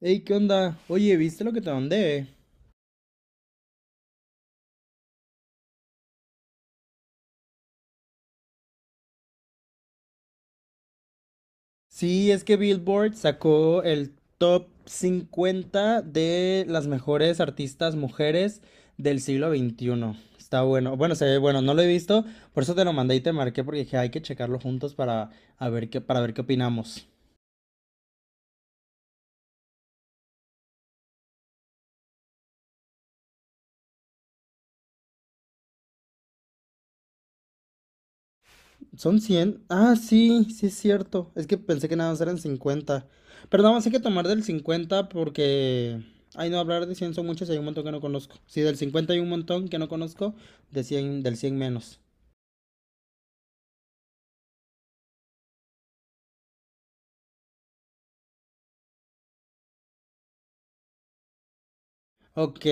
Hey, ¿qué onda? Oye, ¿viste lo que te mandé? Sí, es que Billboard sacó el top 50 de las mejores artistas mujeres del siglo XXI. Está bueno. Bueno, se ve bueno, no lo he visto, por eso te lo mandé y te marqué porque dije, hay que checarlo juntos para ver qué opinamos. ¿Son 100? Ah, sí, sí es cierto. Es que pensé que nada más eran 50. Pero nada más hay que tomar del 50 porque. Ay, no, hablar de 100 son muchos y hay un montón que no conozco. Sí, del 50 hay un montón que no conozco, de cien del 100 menos. Ok,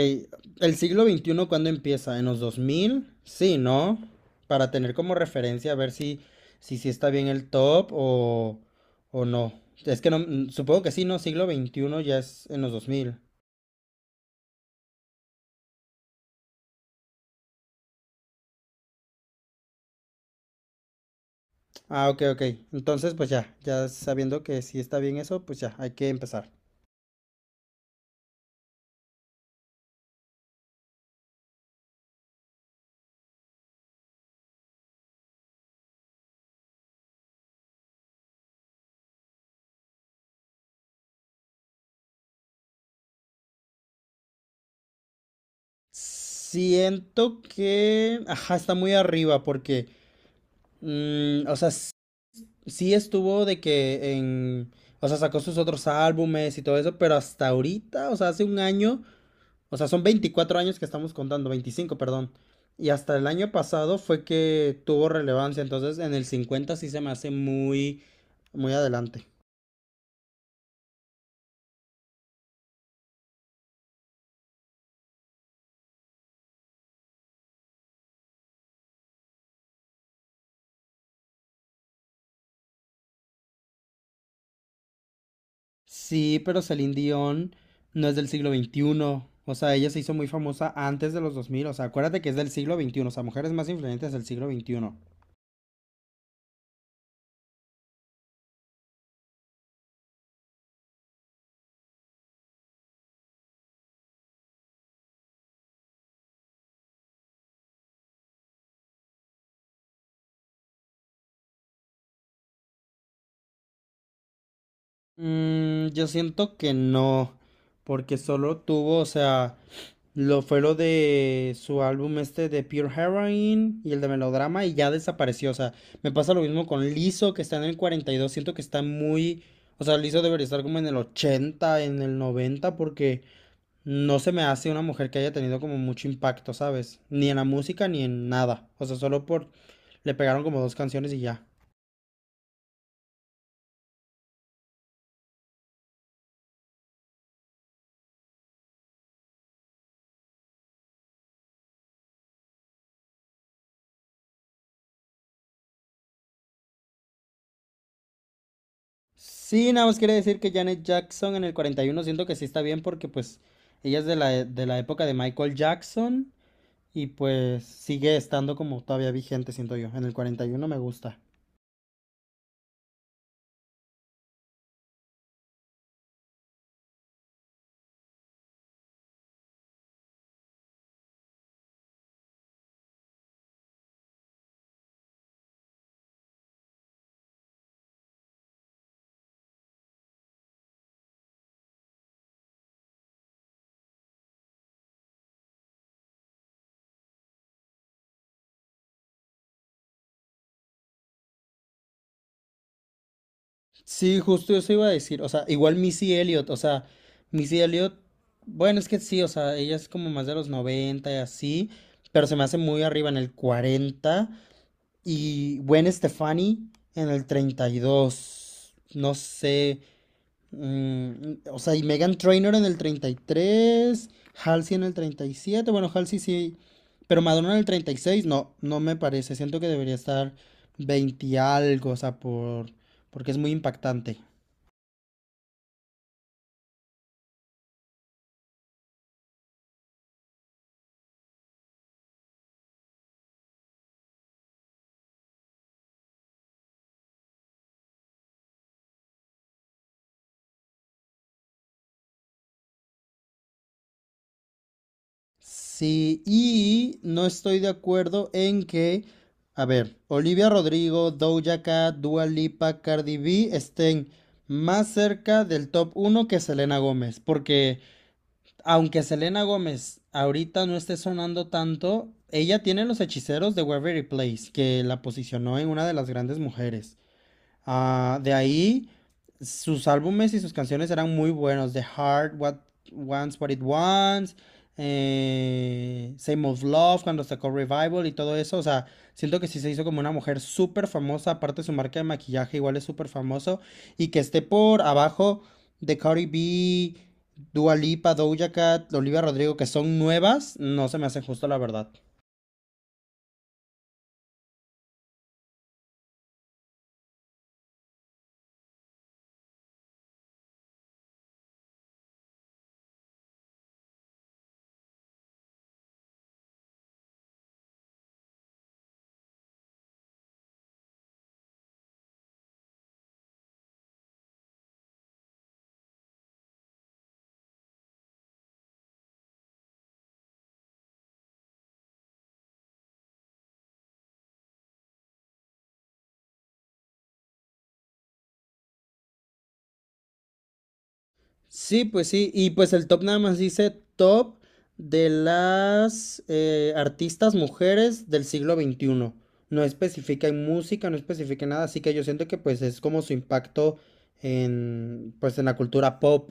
¿el siglo XXI cuándo empieza? ¿En los 2000? Sí, ¿no? Para tener como referencia a ver si está bien el top o no. Es que no, supongo que sí, ¿no? Siglo XXI ya es en los 2000. Ah, ok, ok. Entonces, pues ya, ya sabiendo que sí está bien eso, pues ya, hay que empezar. Siento que, ajá, está muy arriba porque, o sea, sí estuvo de que en, o sea, sacó sus otros álbumes y todo eso, pero hasta ahorita, o sea, hace un año, o sea, son 24 años que estamos contando, 25, perdón. Y hasta el año pasado fue que tuvo relevancia, entonces en el 50 sí se me hace muy, muy adelante. Sí, pero Celine Dion no es del siglo XXI. O sea, ella se hizo muy famosa antes de los 2000. O sea, acuérdate que es del siglo XXI. O sea, mujeres más influyentes del siglo XXI. Mm, yo siento que no. Porque solo tuvo, o sea, lo fue lo de su álbum este de Pure Heroine y el de Melodrama y ya desapareció. O sea, me pasa lo mismo con Lizzo, que está en el 42. Siento que está muy. O sea, Lizzo debería estar como en el 80, en el 90, porque. No se me hace una mujer que haya tenido como mucho impacto, ¿sabes? Ni en la música ni en nada. O sea, solo por. Le pegaron como dos canciones y ya. Sí, nada más quería decir que Janet Jackson en el 41 siento que sí está bien, porque pues ella es de la época de Michael Jackson y pues sigue estando como todavía vigente, siento yo. En el 41 me gusta. Sí, justo eso iba a decir. O sea, igual Missy Elliott, o sea, Missy Elliott, bueno, es que sí, o sea, ella es como más de los 90 y así, pero se me hace muy arriba en el 40. Y Gwen Stefani en el 32, no sé. mm, o sea, y Megan Trainor en el 33, Halsey en el 37. Bueno, Halsey sí, pero Madonna en el 36, no, no me parece. Siento que debería estar 20 y algo, o sea, porque es muy impactante. Sí, y no estoy de acuerdo en que, a ver, Olivia Rodrigo, Doja Cat, Dua Lipa, Cardi B estén más cerca del top uno que Selena Gómez, porque aunque Selena Gómez ahorita no esté sonando tanto, ella tiene los hechiceros de Waverly Place, que la posicionó en una de las grandes mujeres. Ah, de ahí, sus álbumes y sus canciones eran muy buenos. The Heart, What Wants What It Wants, Same of Love, cuando sacó Revival y todo eso. O sea, siento que sí se hizo como una mujer súper famosa. Aparte, su marca de maquillaje igual es súper famoso. Y que esté por abajo de Cardi B, Dua Lipa, Doja Cat, Olivia Rodrigo, que son nuevas, no se me hace justo, la verdad. Sí, pues sí, y pues el top nada más dice top de las artistas mujeres del siglo XXI. No especifica en música, no especifica en nada, así que yo siento que pues es como su impacto en, pues, en la cultura pop.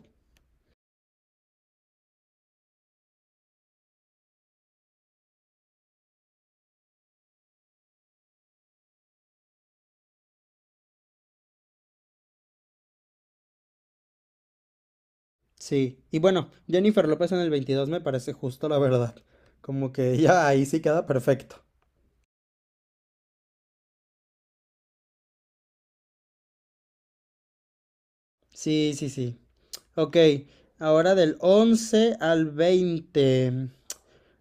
Sí, y bueno, Jennifer López en el 22 me parece justo, la verdad. Como que ya ahí sí queda perfecto. Sí, sí, sí. Ok, ahora del 11 al 20.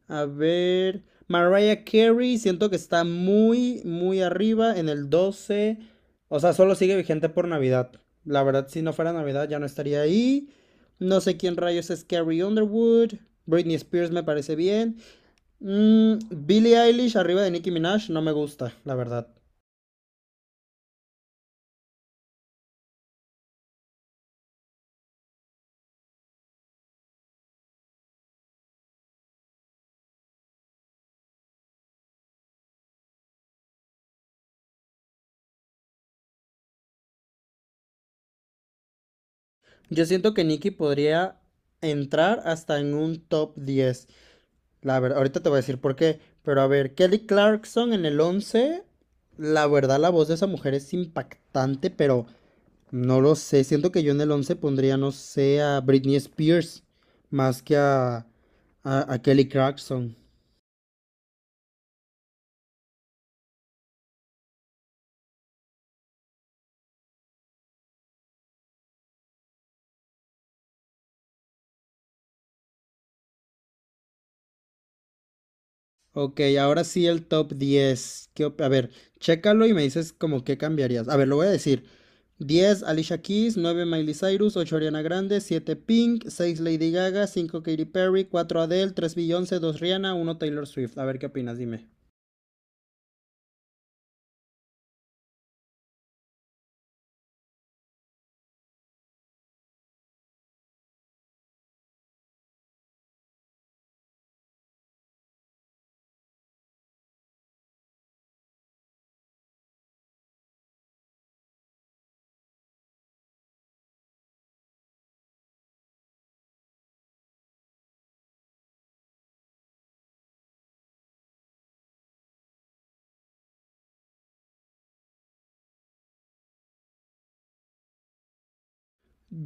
A ver. Mariah Carey, siento que está muy, muy arriba en el 12. O sea, solo sigue vigente por Navidad. La verdad, si no fuera Navidad ya no estaría ahí. No sé quién rayos es Carrie Underwood. Britney Spears me parece bien. Mm, Billie Eilish arriba de Nicki Minaj no me gusta, la verdad. Yo siento que Nicki podría entrar hasta en un top 10. La verdad, ahorita te voy a decir por qué, pero a ver, Kelly Clarkson en el 11, la verdad, la voz de esa mujer es impactante, pero no lo sé, siento que yo en el 11 pondría, no sé, a Britney Spears más que a Kelly Clarkson. Ok, ahora sí el top 10. A ver, chécalo y me dices como qué cambiarías. A ver, lo voy a decir. 10, Alicia Keys. 9, Miley Cyrus. 8, Ariana Grande. 7, Pink. 6, Lady Gaga. 5, Katy Perry. 4, Adele. 3, Beyoncé. 2, Rihanna. Uno, Taylor Swift. A ver qué opinas, dime.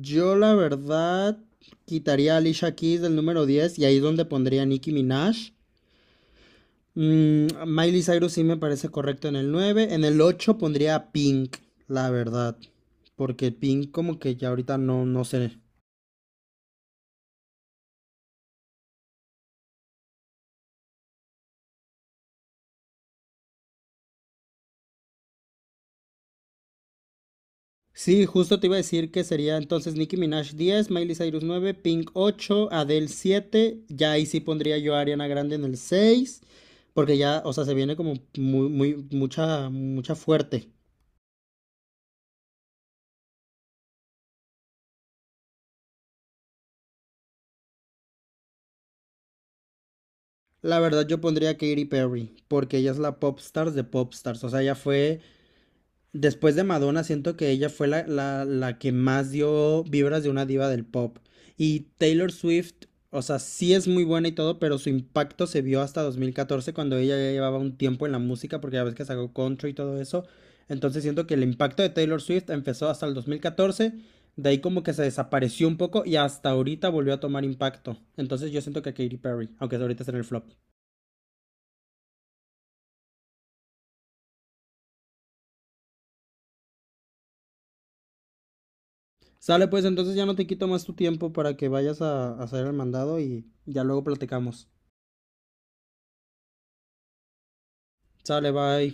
Yo la verdad quitaría a Alicia Keys del número 10 y ahí es donde pondría a Nicki Minaj. Mm, Miley Cyrus sí me parece correcto en el nueve. En el 8 pondría a Pink, la verdad. Porque Pink como que ya ahorita no, no sé. Sí, justo te iba a decir que sería entonces Nicki Minaj 10, Miley Cyrus 9, Pink 8, Adele siete. Ya ahí sí pondría yo a Ariana Grande en el seis. Porque ya, o sea, se viene como muy, muy, mucha, mucha fuerte. La verdad yo pondría a Katy Perry, porque ella es la pop stars de pop stars. O sea, ella fue. Después de Madonna, siento que ella fue la que más dio vibras de una diva del pop. Y Taylor Swift, o sea, sí es muy buena y todo, pero su impacto se vio hasta 2014, cuando ella ya llevaba un tiempo en la música, porque ya ves que sacó country y todo eso. Entonces siento que el impacto de Taylor Swift empezó hasta el 2014. De ahí como que se desapareció un poco y hasta ahorita volvió a tomar impacto. Entonces yo siento que Katy Perry, aunque ahorita está en el flop. Sale pues, entonces ya no te quito más tu tiempo para que vayas a hacer el mandado y ya luego platicamos. Sale, bye.